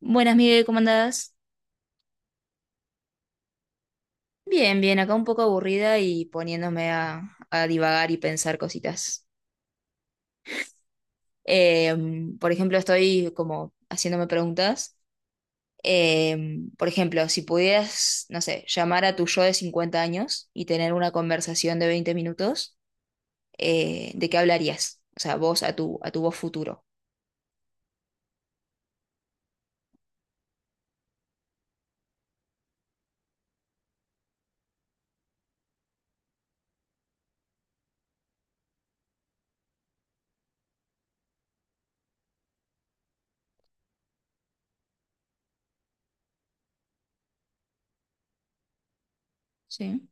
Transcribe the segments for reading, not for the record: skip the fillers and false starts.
Buenas, Miguel, ¿cómo andás? Bien, bien, acá un poco aburrida y poniéndome a divagar y pensar cositas. Por ejemplo, estoy como haciéndome preguntas. Por ejemplo, si pudieras, no sé, llamar a tu yo de 50 años y tener una conversación de 20 minutos, ¿de qué hablarías? O sea, vos a tu vos futuro. Sí.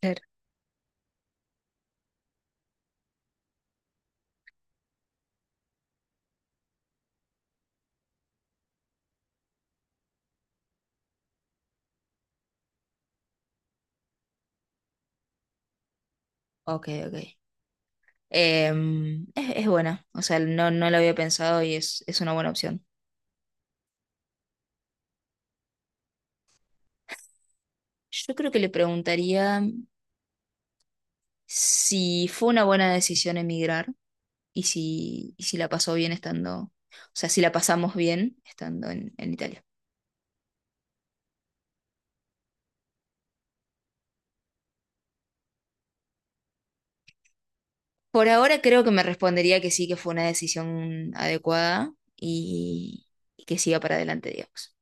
Claro. Ok, ok. Es buena, o sea, no, no la había pensado y es una buena opción. Yo creo que le preguntaría si fue una buena decisión emigrar y si la pasó bien estando, o sea, si la pasamos bien estando en Italia. Por ahora creo que me respondería que sí, que fue una decisión adecuada y que siga para adelante, digamos.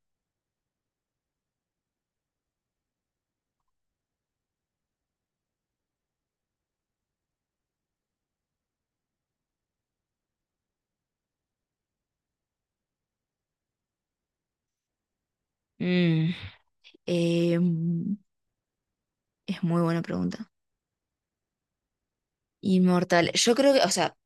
Mm, em, es muy buena pregunta. Inmortal. Yo creo que, o sea,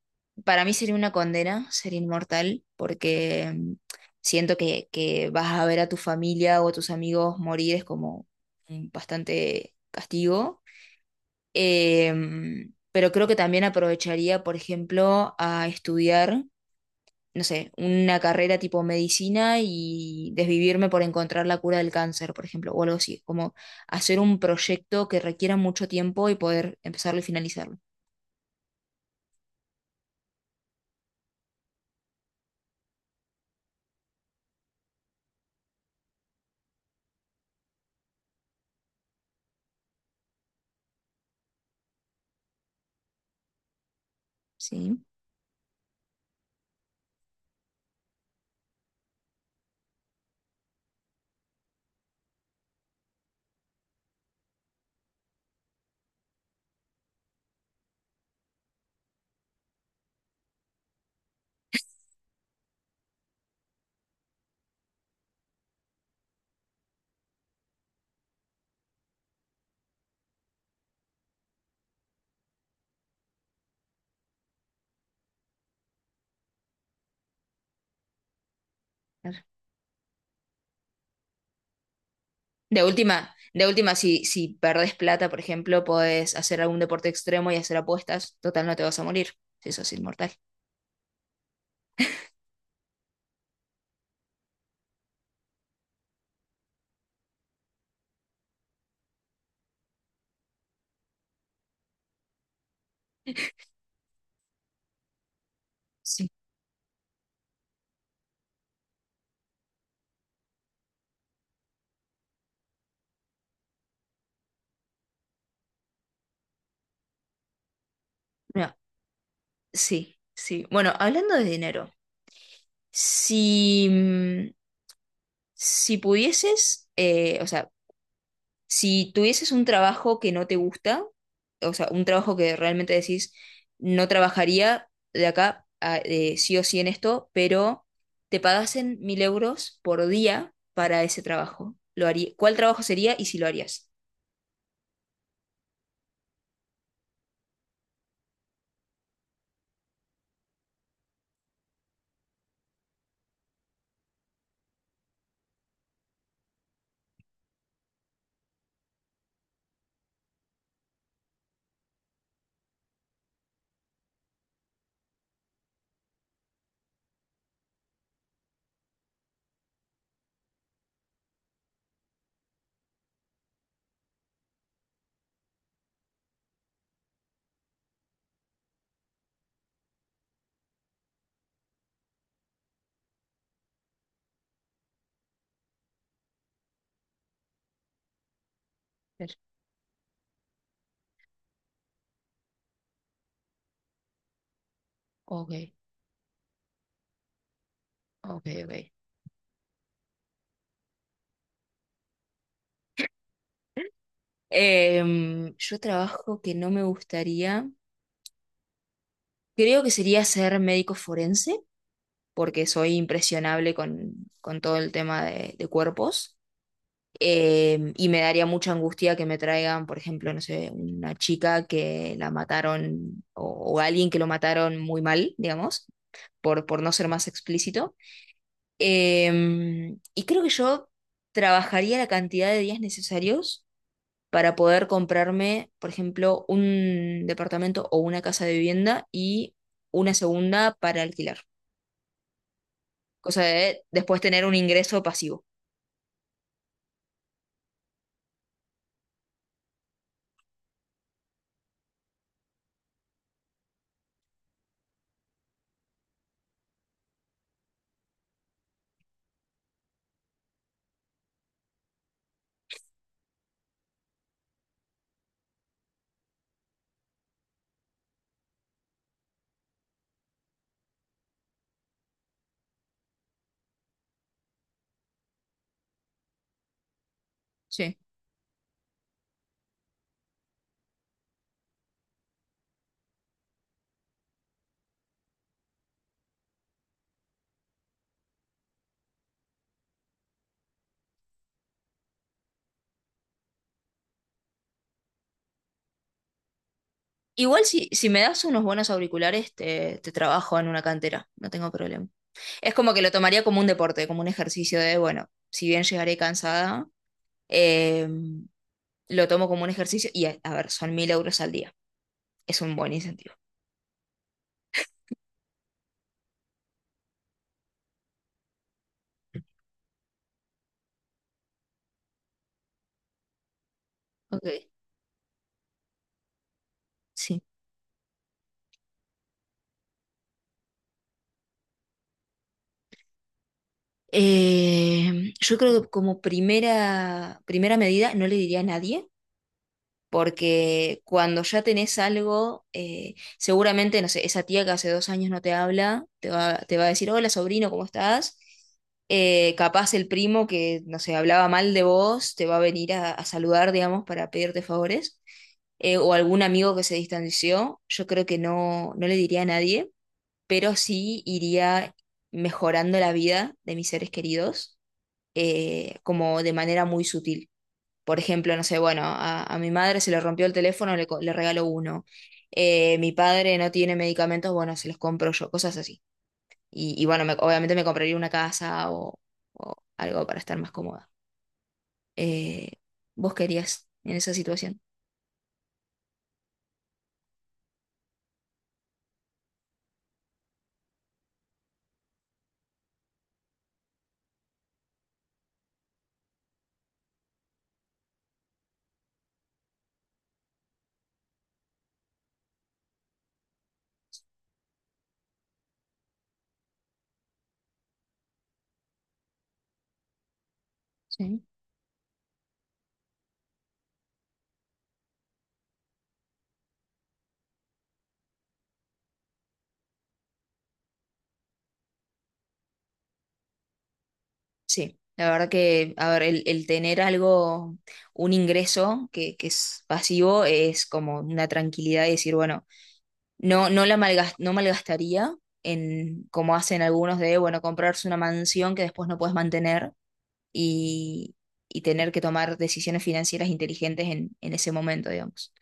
para mí sería una condena ser inmortal porque siento que vas a ver a tu familia o a tus amigos morir es como un bastante castigo. Pero creo que también aprovecharía, por ejemplo, a estudiar, no sé, una carrera tipo medicina y desvivirme por encontrar la cura del cáncer, por ejemplo, o algo así, como hacer un proyecto que requiera mucho tiempo y poder empezarlo y finalizarlo. Sí. De última, si, si perdés plata, por ejemplo, podés hacer algún deporte extremo y hacer apuestas. Total, no te vas a morir. Si sos inmortal. Sí. Mira, sí, sí. Bueno, hablando de dinero, si, si pudieses, o sea, si tuvieses un trabajo que no te gusta, o sea, un trabajo que realmente decís, no trabajaría de acá a- sí o sí en esto, pero te pagasen 1.000 euros por día para ese trabajo. Lo haría, ¿cuál trabajo sería y si lo harías? Ver. Ok, ok, ok. Yo trabajo que no me gustaría. Creo que sería ser médico forense, porque soy impresionable con todo el tema de cuerpos. Y me daría mucha angustia que me traigan, por ejemplo, no sé, una chica que la mataron o alguien que lo mataron muy mal, digamos, por no ser más explícito. Y creo que yo trabajaría la cantidad de días necesarios para poder comprarme, por ejemplo, un departamento o una casa de vivienda y una segunda para alquilar. Cosa de después tener un ingreso pasivo. Sí. Igual si, si me das unos buenos auriculares, te trabajo en una cantera, no tengo problema. Es como que lo tomaría como un deporte, como un ejercicio de, bueno, si bien llegaré cansada, eh, lo tomo como un ejercicio y, a ver, son 1.000 euros al día. Es un buen incentivo. Ok, sí. Yo creo que como primera, primera medida no le diría a nadie porque cuando ya tenés algo, seguramente, no sé, esa tía que hace 2 años no te habla, te va a decir, hola sobrino, ¿cómo estás? Capaz el primo que, no sé, hablaba mal de vos, te va a venir a saludar, digamos, para pedirte favores. O algún amigo que se distanció, yo creo que no, no le diría a nadie, pero sí iría mejorando la vida de mis seres queridos, como de manera muy sutil. Por ejemplo, no sé, bueno, a mi madre se le rompió el teléfono, le, co- le regalo uno. Mi padre no tiene medicamentos, bueno, se los compro yo, cosas así. Y bueno, me- obviamente me compraría una casa o algo para estar más cómoda. Eh, ¿Vos querías en esa situación? Sí. Sí, la verdad que, a ver, el tener algo, un ingreso que es pasivo es como una tranquilidad y decir, bueno, no, no la malgas- no malgastaría en, como hacen algunos de, bueno, comprarse una mansión que después no puedes mantener y, y tener que tomar decisiones financieras inteligentes en ese momento, digamos.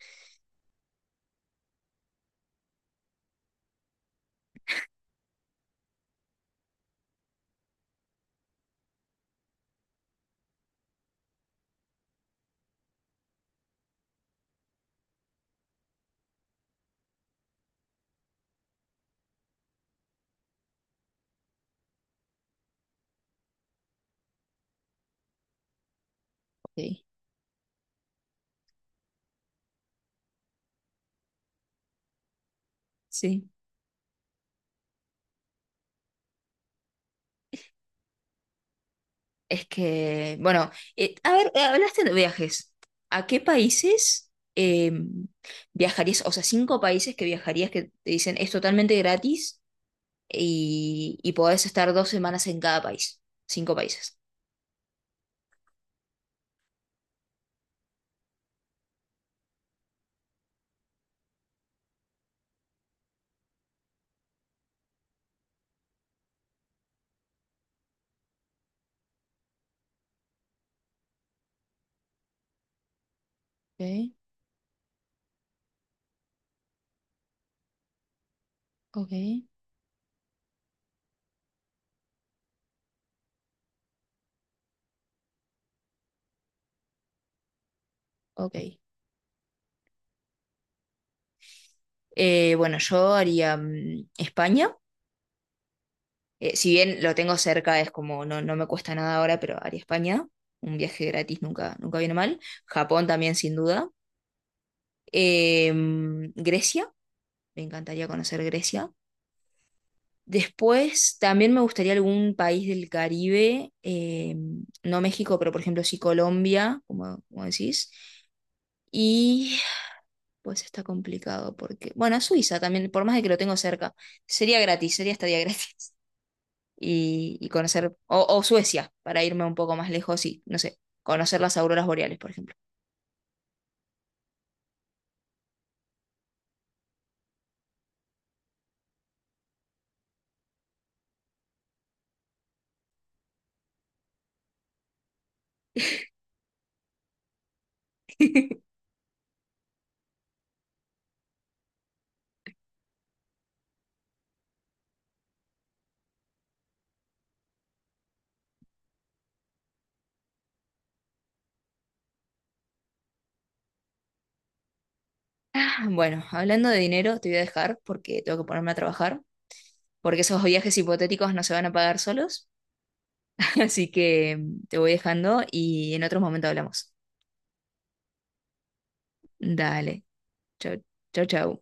Sí, sí. Es que, bueno, a ver, hablaste de viajes. ¿A qué países eh, viajarías? O sea, 5 países que viajarías que te dicen es totalmente gratis y podés estar 2 semanas en cada país. 5 países. Ok, ok, ok. Bueno, yo haría mm, España. Si bien lo tengo cerca, es como no, no me cuesta nada ahora, pero haría España. Un viaje gratis nunca, nunca viene mal. Japón también, sin duda. Grecia, me encantaría conocer Grecia. Después también me gustaría algún país del Caribe, no México, pero por ejemplo sí Colombia, como, como decís. Y pues está complicado porque, bueno, Suiza también, por más de que lo tengo cerca, sería gratis, sería estadía gratis. Y, y conocer, o Suecia, para irme un poco más lejos y, no sé, conocer las auroras boreales, por ejemplo. Bueno, hablando de dinero, te voy a dejar porque tengo que ponerme a trabajar, porque esos viajes hipotéticos no se van a pagar solos, así que te voy dejando y en otros momentos hablamos. Dale, chau, chau, chau.